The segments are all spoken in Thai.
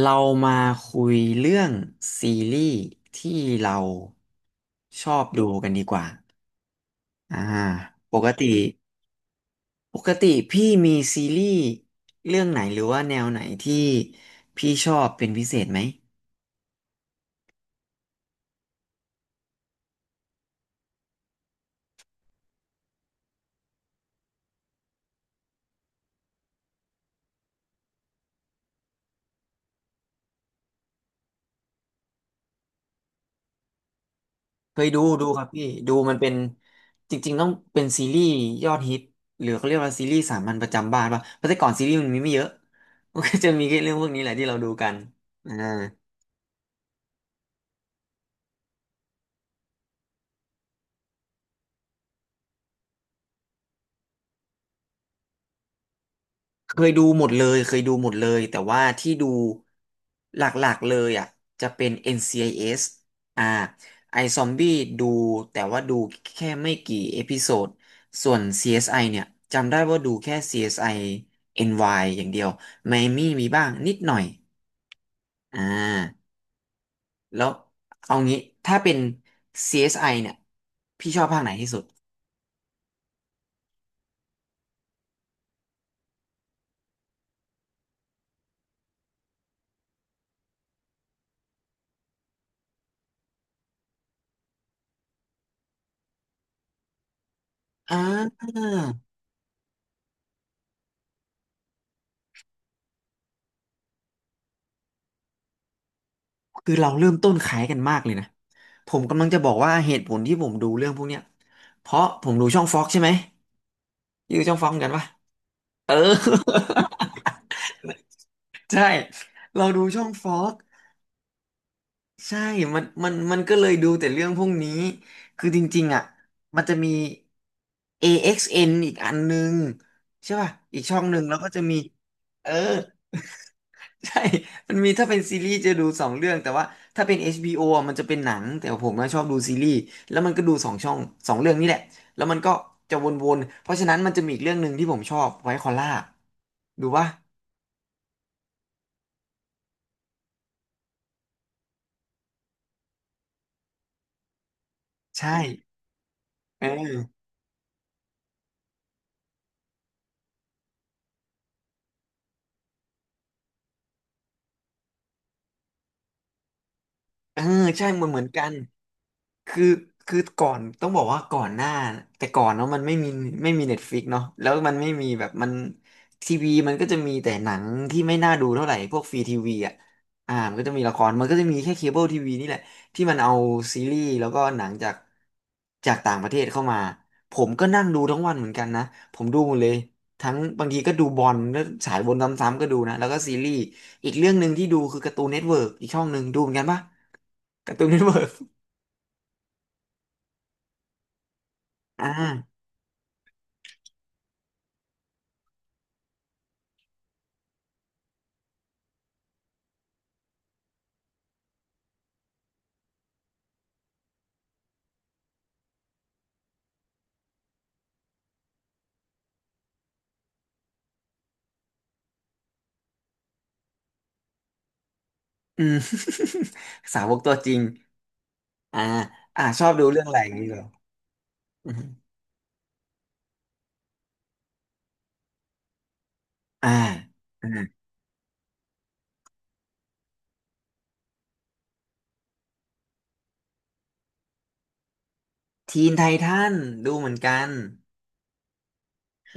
เรามาคุยเรื่องซีรีส์ที่เราชอบดูกันดีกว่าอ่าปกติปกติพี่มีซีรีส์เรื่องไหนหรือว่าแนวไหนที่พี่ชอบเป็นพิเศษไหมเคยดูครับพี่ดูมันเป็นจริงๆต้องเป็นซีรีส์ยอดฮิตหรือเขาเรียกว่าซีรีส์สามัญประจำบ้านป่ะเพราะแต่ก่อนซีรีส์มันมีไม่เยอะ มันก็จะมีแค่เรื่องพวกนี้แหละที่เราดูกันอ่า เคยดูหมดเลยเคยดูหมดเลยแต่ว่าที่ดูหลักๆเลยจะเป็น NCIS อนซีไอเอสอ่าไอซอมบี้ดูแต่ว่าดูแค่ไม่กี่เอพิโซดส่วน CSI เอสไอเนี่ยจำได้ว่าดูแค่ CSI NY อสไอเอ็นวายอย่างเดียวไมอามี่มีบ้างนิดหน่อยอ่าแล้วเอางี้ถ้าเป็น CSI เอสไอเนี่ยพี่ชอบภาคไหนที่สุดอ่า คือเราเริ่มต้นขายกันมากเลยนะ ผมกำลังจะบอกว่าเหตุผลที่ผมดูเรื่องพวกเนี้ยเพราะผมดูช่องฟ็อกใช่ไหมอยูช่องฟ็อกกันปะเออ ใช่ เราดูช่องฟอกใช่มันก็เลยดูแต่เรื่องพวกนี้ คือจริงๆมันจะมี AXN อเอ็กซ์เอ็นอีกอันนึงใช่ป่ะอีกช่องหนึ่งแล้วก็จะมีเออ ใช่มันมีถ้าเป็นซีรีส์จะดูสองเรื่องแต่ว่าถ้าเป็น HBO อชบีโอมันจะเป็นหนังแต่ผมก็ชอบดูซีรีส์แล้วมันก็ดูสองช่องสองเรื่องนี่แหละแล้วมันก็จะวนๆเพราะฉะนั้นมันจะมีอีกเรื่องหนึ่งที่ผมชอบไวท์คอลล่าดูปะใช่เออ เออใช่มันเหมือนกันคือคือก่อนต้องบอกว่าก่อนหน้าแต่ก่อนเนาะมันไม่มีเน็ตฟลิกเนาะแล้วมันไม่มีแบบมันทีวีมันก็จะมีแต่หนังที่ไม่น่าดูเท่าไหร่พวกฟรีทีวีมันก็จะมีละครมันก็จะมีแค่เคเบิลทีวีนี่แหละที่มันเอาซีรีส์แล้วก็หนังจากต่างประเทศเข้ามาผมก็นั่งดูทั้งวันเหมือนกันนะผมดูหมดเลยทั้งบางทีก็ดูบอลแล้วสายบนซ้ำๆก็ดูนะแล้วก็ซีรีส์อีกเรื่องหนึ่งที่ดูคือการ์ตูนเน็ตเวิร์กอีกช่องหนึ่งดูเหมือนกันปะ การ์ตูนเน็ตเวิร์กอ่าอืม สาวกตัวจริงอ่าชอบดูเรื่องอะไรอย่างนี้เหรออืมอ่าอ่าทีนไททันดูเหมือนกัน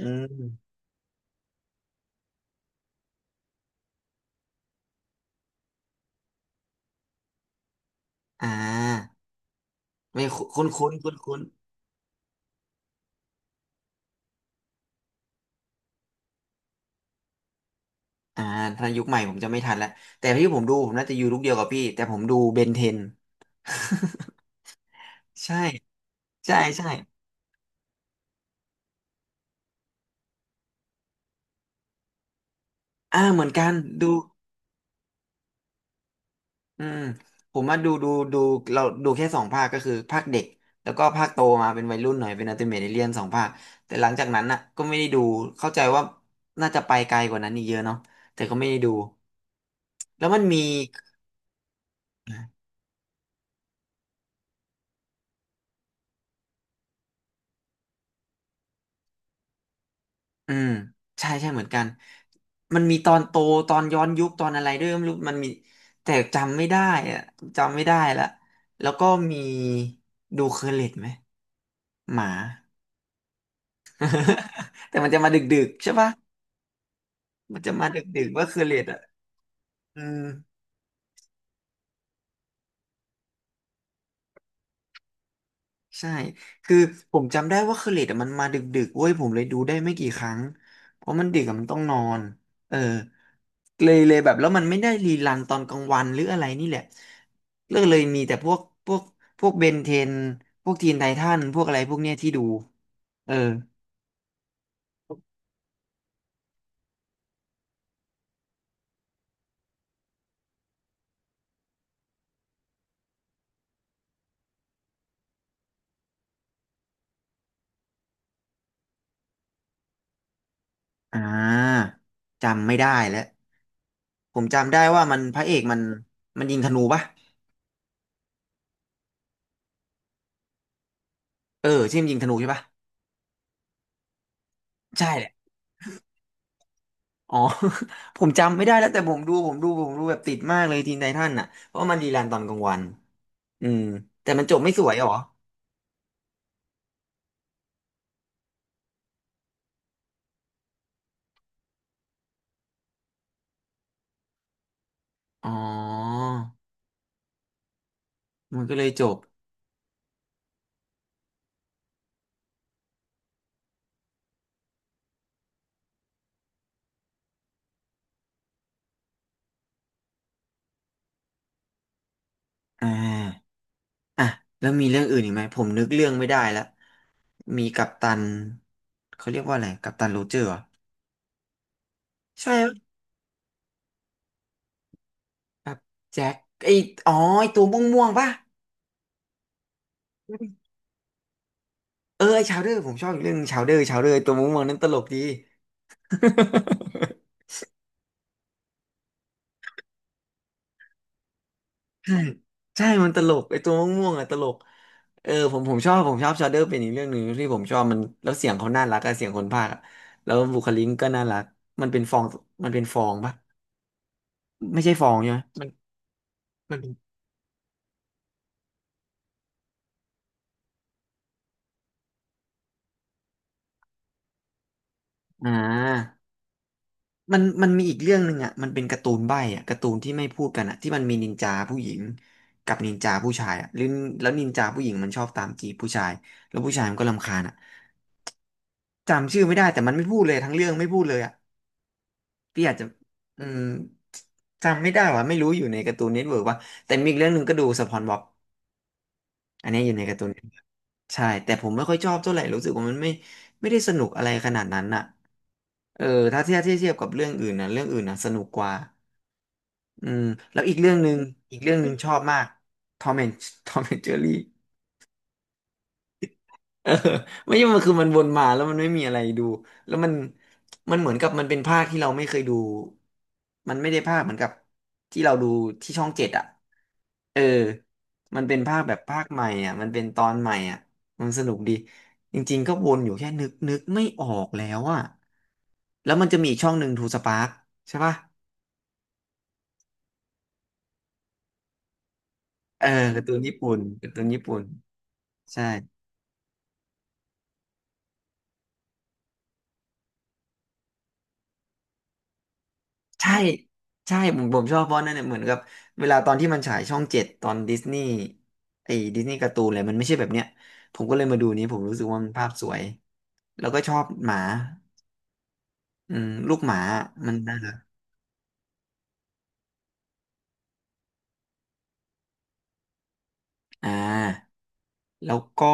อืมอ่าไม่คุ้นคุ้นคุ้นคุ้นๆถ้ายุคใหม่ผมจะไม่ทันแล้ว แต่ที่ผมดูผมน่าจะอยู่ลูกเดียวกับพี่ แต่ผมดูเบนเทน ใช่ ใช่ใช่เหมือนกันดู อืมผมมาดูเราดูแค่สองภาคก็คือภาคเด็กแล้วก็ภาคโตมาเป็นวัยรุ่นหน่อยเป็นอัลติเมทเอเลียนสองภาคแต่หลังจากนั้นน่ะก็ไม่ได้ดูเข้าใจว่าน่าจะไปไกลกว่านั้นอีกเยอะเนาะแต่ก็ไม่ได้ดูแล้วมันมีอืมใช่ใช่เหมือนกันมันมีตอนโตตอนย้อนยุคตอนอะไรด้วยไม่รู้มันมีแต่จำไม่ได้อะจำไม่ได้ละแล้วก็มีดูเคอร์เล็ตไหมหมา แต่มันจะมาดึกๆใช่ปะ มันจะมาดึกๆว่าคือเลดเออใช่คือผมจำได้ว่าคือเลดมันมาดึกๆเว้ยผมเลยดูได้ไม่กี่ครั้งเพราะมันดึกอะมันต้องนอนเออเลยแบบแล้วมันไม่ได้รีรันตอนกลางวันหรืออะไรนี่แหละเลิกเลยมีแต่พวกพวกเบนเทนพวกทีนไททันพวกอะไรพวกเนี้ยที่ดูเอออ่าจำไม่ได้แล้วผมจำได้ว่าพระเอกมันมันยิงธนูปะเออใช่มันยิงธนูใช่ปะใช่ อ๋อ ผมจำไม่ได้แล้วแต่ผมดูแบบติดมากเลยทีนไททันเพราะว่ามันรีรันตอนกลางวันอืมแต่มันจบไม่สวยเหรออ๋อมันก็เลยจบอ่าอ่ะแล้วมีเรื่องอื่นอีกไหมผมนึกเรื่องไม่ได้ละมีกัปตันเขาเรียกว่าอะไรกัปตันโรเจอร์เหรอใช่ครับแจ็คไออ๋อไอตัวม่วงๆป่ะเออไอชาวเดอร์ผมชอบอีกเรื่องชาวเดอร์ชาวเดอร์ไอ้ตัวม่วงๆนั้นตลกดี ใช่ใช่มันตลกไอ้ตัวม่วงๆอ่ะตลกเออผมชอบชาเดอร์เป็นอีกเรื่องหนึ่งที่ผมชอบมันแล้วเสียงเขาน่ารักอะเสียงคนพากย์อะแล้วบุคลิกก็น่ารักมันเป็นฟองมันเป็นฟองปะไม่ใช่ฟองใช่ไหมมันมันเป็นอ่ามันมีอีกเรื่องหนึ่งอ่ะมันเป็นการ์ตูนใบ้อ่ะการ์ตูนที่ไม่พูดกันอ่ะที่มันมีนินจาผู้หญิงกับนินจาผู้ชายอ่ะหรือแล้วนินจาผู้หญิงมันชอบตามจีบผู้ชายแล้วผู้ชายมันก็รำคาญอ่ะจำชื่อไม่ได้แต่มันไม่พูดเลยทั้งเรื่องไม่พูดเลยอ่ะ พี่อาจจะอืมจำไม่ได้ว่ะไม่รู้อยู่ในการ์ตูนเน็ตเวิร์กว่าแต่มีอีกเรื่องหนึ่งก็ดูสปอนบ็อบอันนี้อยู่ในการ์ตูน Network ใช่แต่ผมไม่ค่อยชอบเท่าไหร่รู้สึกว่ามันไม่ได้สนุกอะไรขนาดนั้นน่ะเออถ้าเทียบกับเรื่องอื่นนะเรื่องอื่นนะสนุกกว่าอืมแล้วอีกเรื่องหนึ่งอีกเรื่องหนึ่งชอบมากทอมแอนทอมแอนเจอรี่ เออไม่ใช่มันคือมันวนมาแล้วมันไม่มีอะไรดู แล้วมันเหมือนกับมันเป็นภาคที่เราไม่เคยดู มันไม่ได้ภาคเหมือนกับที่เราดูที่ช่องเจ็ดอ่ะเออมันเป็นภาคแบบภาคใหม่อ่ะมันเป็นตอนใหม่อ่ะมันสนุกดีจริงๆก็วนอยู่แค่นึกไม่ออกแล้วอ่ะแล้วมันจะมีอีกช่องหนึ่งทูสปาร์คใช่ป่ะเออการ์ตูนญี่ปุ่นการ์ตูนญี่ปุ่นใช่ ใช่ใช่ผมชอบเพราะนั่นเนี่ยเหมือนกับเวลาตอนที่มันฉายช่องเจ็ดตอนดิสนีย์ไอ้ดิสนีย์การ์ตูนอะไรมันไม่ใช่แบบเนี้ยผมก็เลยมาดูนี้ผมรู้สึกว่ามันภาพสวยแล้วก็ชอบหมาอืมลูกหมามันน่ารักอ่าแล้วก็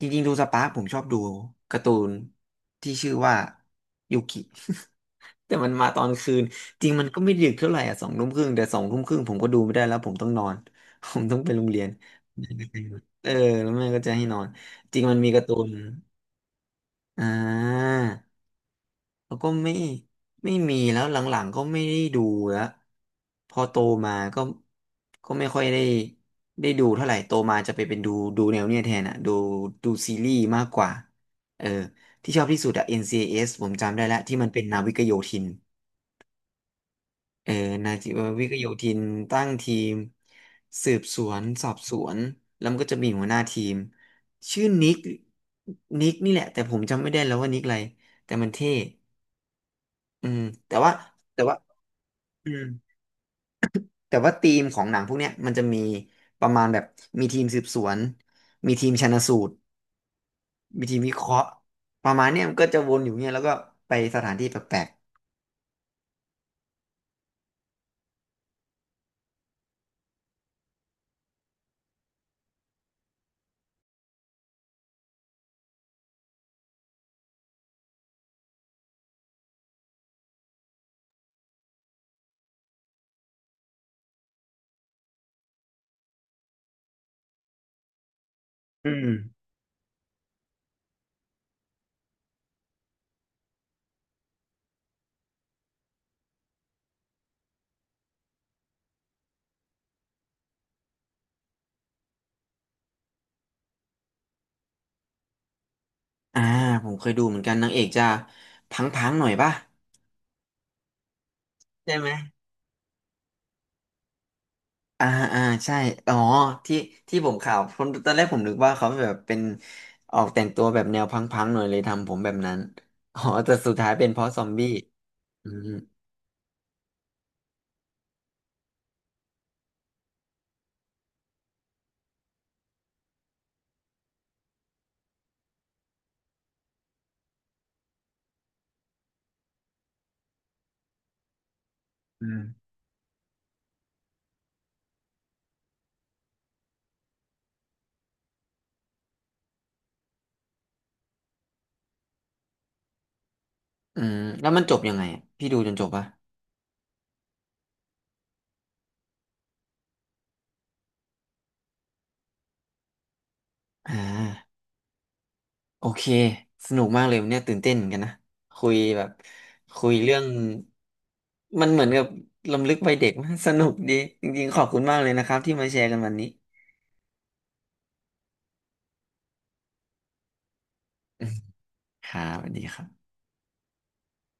จริงๆดูสปาร์คผมชอบดูการ์ตูนที่ชื่อว่ายูกิ แต่มันมาตอนคืนจริงมันก็ไม่ดึกเท่าไหร่อ่ะสองทุ่มครึ่งแต่สองทุ่มครึ่งผมก็ดูไม่ได้แล้วผมต้องนอน ผมต้องไปโรงเรียน เออแล้วแม่ก็จะให้นอนจริงมันมีการ์ตูนอ่าแล้วก็ไม่มีแล้วหลังๆก็ไม่ได้ดูแล้วพอโตมาก็ก็ไม่ค่อยได้ดูเท่าไหร่โตมาจะไปเป็นดูแนวเนี้ยแทนอ่ะดูซีรีส์มากกว่าเออที่ชอบที่สุดอะ n c s ผมจำได้แล้วที่มันเป็นนาวิกโยธิน เออนาจิววิกโยธินตั้งทีมสืบสวนสอบสวนแล้วมันก็จะมีหัวหน้าทีมชื่อนิกนิกนี่แหละแต่ผมจำไม่ได้แล้วว่านิกอะไรแต่มันเท่อืมแต่ว่าแต่ว่าอืมแต่ว่าธีมของหนังพวกเนี้ยมันจะมีประมาณแบบมีทีมสืบสวนมีทีมชันสูตรมีทีมวิเคราะห์ประมาณเนี้ยมันก็จะวนอยู่เนี้ยแล้วก็ไปสถานที่แปลกๆอืมอ่าผมเคยดูเหมือนกันนางเอกจะพังๆหน่อยป่ะใช่ไหม อ่าอ่าใช่อ๋อที่ที่ผมข่าวผมตอนแรกผมนึกว่าเขาแบบเป็นออกแต่งตัวแบบแนวพังๆหน่อยเลยทำผมแบบนั้นอ๋อแต่สุดท้ายเป็นเพราะซอมบี้อืมอืมอืมแล้วมันจบยังไงอะพี่ดูจนจบปะอ่าโอเคสนุกมากเลยวันเนี่ยตื่นเต้นเหมือนกันนะคุยแบบคุยเรื่องมันเหมือนกับรำลึกวัยเด็กมาก สนุกดีจริงๆขอบคุณมากเลยนะครับที่มาแชร์กันวันนี้ ครับสวัสดีครับ